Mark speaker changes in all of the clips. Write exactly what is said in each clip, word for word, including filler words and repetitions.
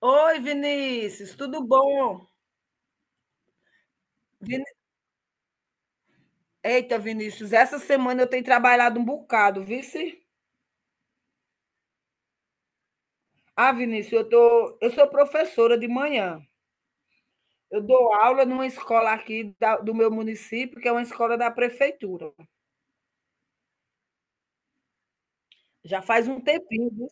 Speaker 1: Oi, Vinícius, tudo bom? Vini- Eita, Vinícius, essa semana eu tenho trabalhado um bocado, vice? Ah, Vinícius, eu tô, eu sou professora de manhã. Eu dou aula numa escola aqui da- do meu município, que é uma escola da prefeitura. Já faz um tempinho, viu?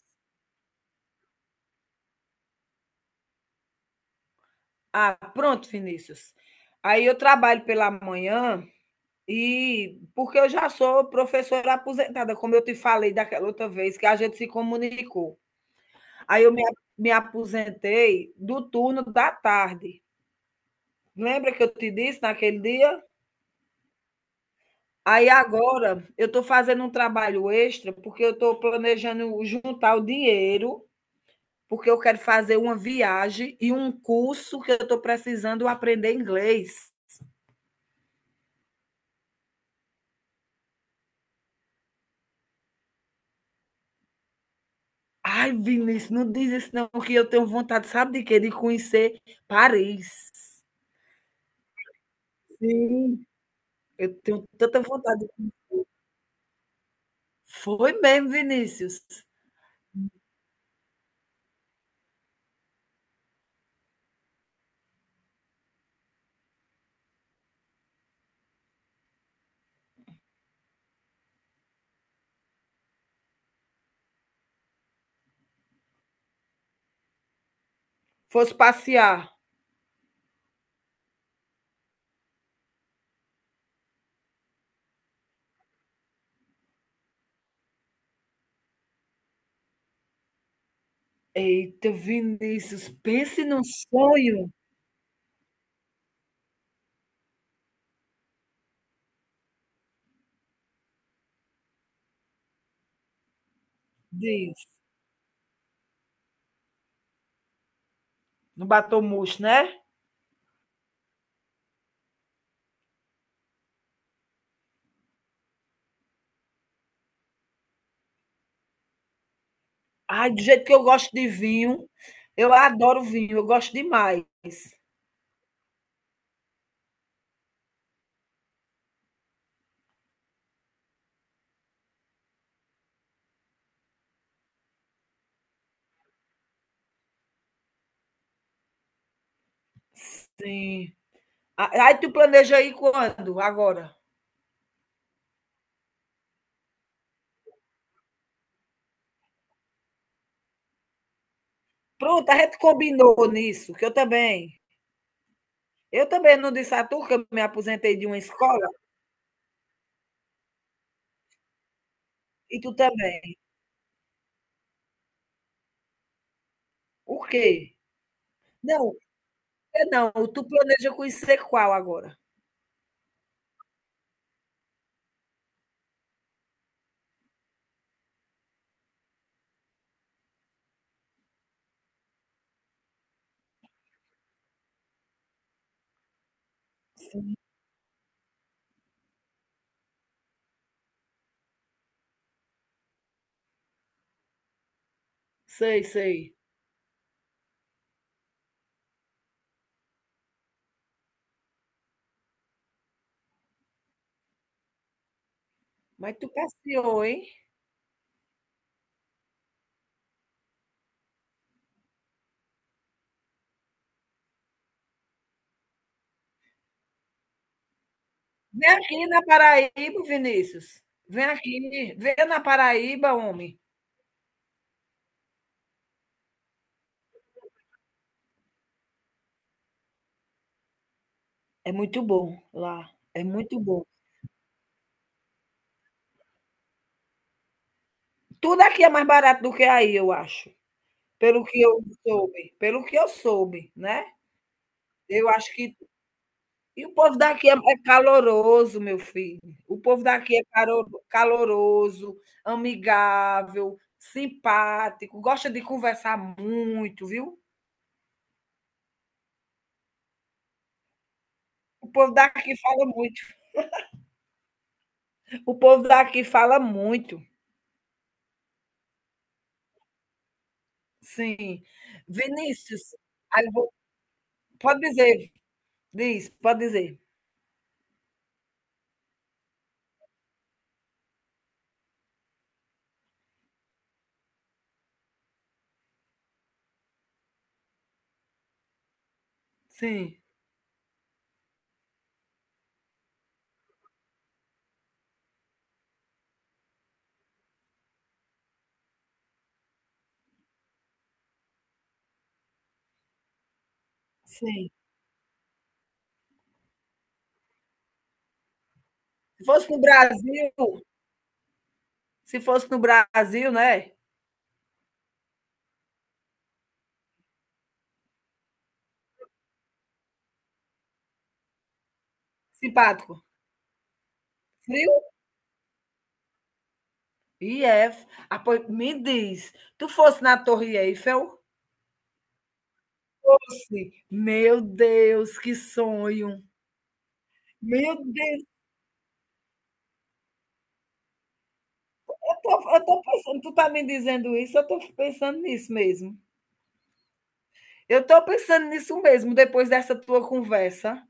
Speaker 1: Ah, pronto, Vinícius. Aí eu trabalho pela manhã e porque eu já sou professora aposentada, como eu te falei daquela outra vez que a gente se comunicou. Aí eu me, Me aposentei do turno da tarde. Lembra que eu te disse naquele dia? Aí agora eu estou fazendo um trabalho extra porque eu estou planejando juntar o dinheiro, porque eu quero fazer uma viagem e um curso que eu estou precisando aprender inglês. Ai, Vinícius, não diz isso não, que eu tenho vontade, sabe de quê? De conhecer Paris. Sim, eu tenho tanta vontade. Foi mesmo, Vinícius. Fosse passear. Eita, Vinícius, pense num sonho, diz. No batomuxo, né? Ai, do jeito que eu gosto de vinho, eu adoro vinho, eu gosto demais. Sim. A- Aí tu planeja aí quando? Agora. Pronto, a gente combinou nisso, que eu também. Eu também não disse a tu que eu me aposentei de uma escola e tu também. O quê? Não, é não, tu planeja conhecer qual agora? Sim. Sei, sei. Mas tu passeou, hein? Vem aqui na Paraíba, Vinícius. Vem aqui, vem na Paraíba, homem. É muito bom lá, é muito bom. Tudo aqui é mais barato do que aí, eu acho. Pelo que eu soube, pelo que eu soube, né? Eu acho que. E o povo daqui é é caloroso, meu filho. O povo daqui é caro- caloroso, amigável, simpático, gosta de conversar muito, viu? O povo daqui fala muito. O povo daqui fala muito. Sim. Vinícius, aí eu vou pode dizer, diz, pode dizer. Sim, sim. Se fosse no Brasil se fosse no Brasil, né, simpático. Frio? E é. Ah, pois me diz, tu fosse na Torre Eiffel? Fosse. Meu Deus, que sonho. Meu Deus, eu tô eu tô pensando, tu tá me dizendo isso, eu tô pensando nisso mesmo. Eu tô pensando nisso mesmo, depois dessa tua conversa.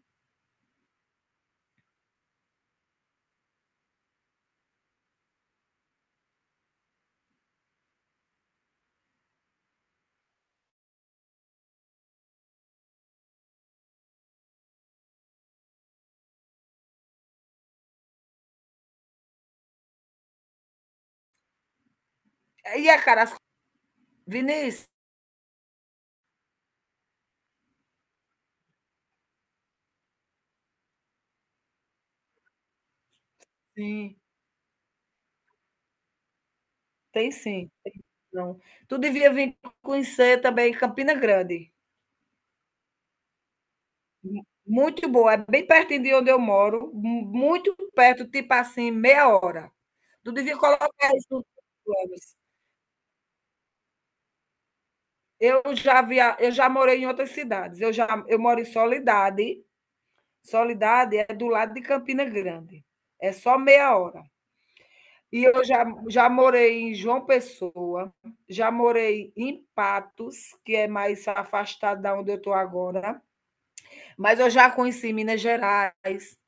Speaker 1: E a Carasco Vinícius, sim. Tem sim. Não. Tu devia vir conhecer também Campina Grande. Mu muito boa, é bem pertinho de onde eu moro, mu muito perto, tipo assim, meia hora. Tu devia colocar isso nos teus planos. Eu já via, eu já morei em outras cidades. Eu já eu moro em Solidade. Solidade é do lado de Campina Grande. É só meia hora. E eu já, já morei em João Pessoa, já morei em Patos, que é mais afastado da onde eu estou agora. Mas eu já conheci Minas Gerais,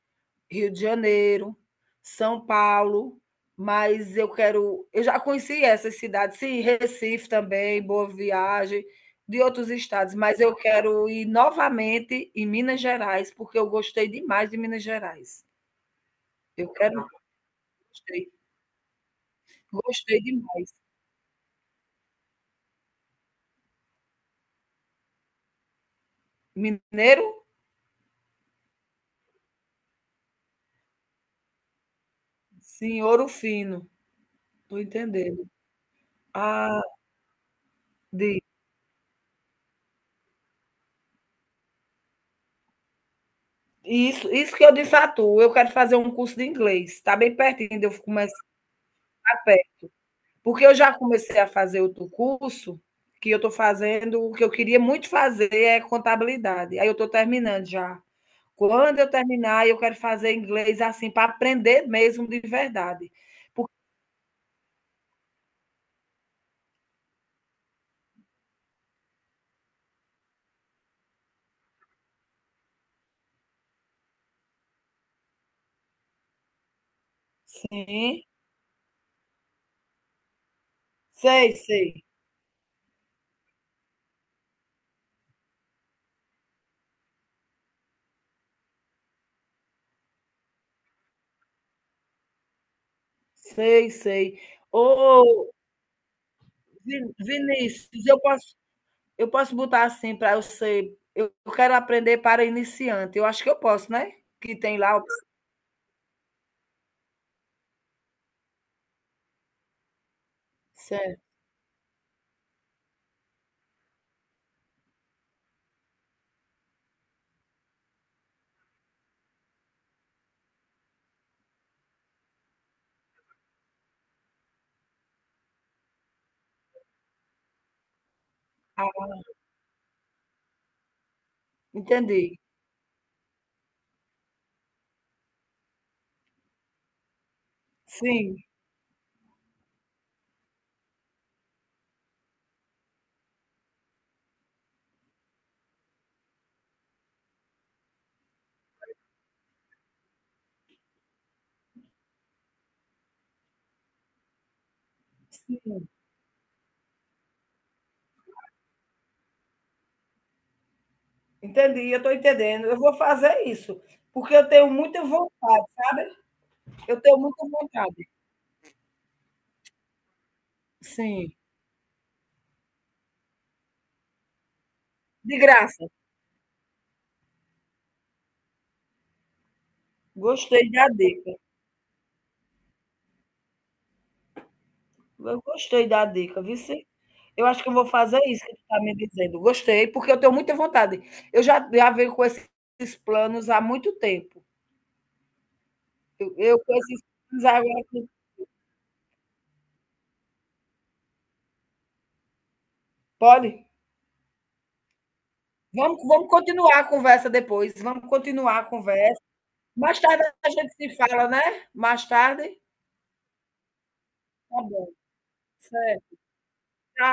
Speaker 1: Rio de Janeiro, São Paulo, mas eu quero. Eu já conheci essas cidades, sim, Recife também, Boa Viagem, de outros estados, mas eu quero ir novamente em Minas Gerais, porque eu gostei demais de Minas Gerais. Eu quero, gostei, gostei demais. Mineiro, sim, ouro fino, tô entendendo. Ah, de, isso, isso que eu disse a tu, eu quero fazer um curso de inglês. Está bem pertinho de eu come- pé. Porque eu já comecei a fazer outro curso, que eu estou fazendo, o que eu queria muito fazer é contabilidade. Aí eu estou terminando já. Quando eu terminar, eu quero fazer inglês assim, para aprender mesmo de verdade. Porque, sim, sei, sei, sei, sei. Ô, Vinícius, eu posso, eu posso botar assim para eu ser. Eu quero aprender para iniciante. Eu acho que eu posso, né? Que tem lá. O- Certo. Ah, entendi. Sim, sim. Entendi, eu estou entendendo. Eu vou fazer isso, porque eu tenho muita vontade, sabe? Eu tenho muita vontade. Sim. De graça. Gostei da dica. Eu gostei da dica, viu? Sim? Eu acho que eu vou fazer isso que tu está me dizendo. Gostei, porque eu tenho muita vontade. Eu já, já venho com esses planos há muito tempo. Eu, eu com esses planos agora. Que- Pode? Vamos, vamos continuar a conversa depois. Vamos continuar a conversa. Mais tarde a gente se fala, né? Mais tarde. Tá bom. Certo.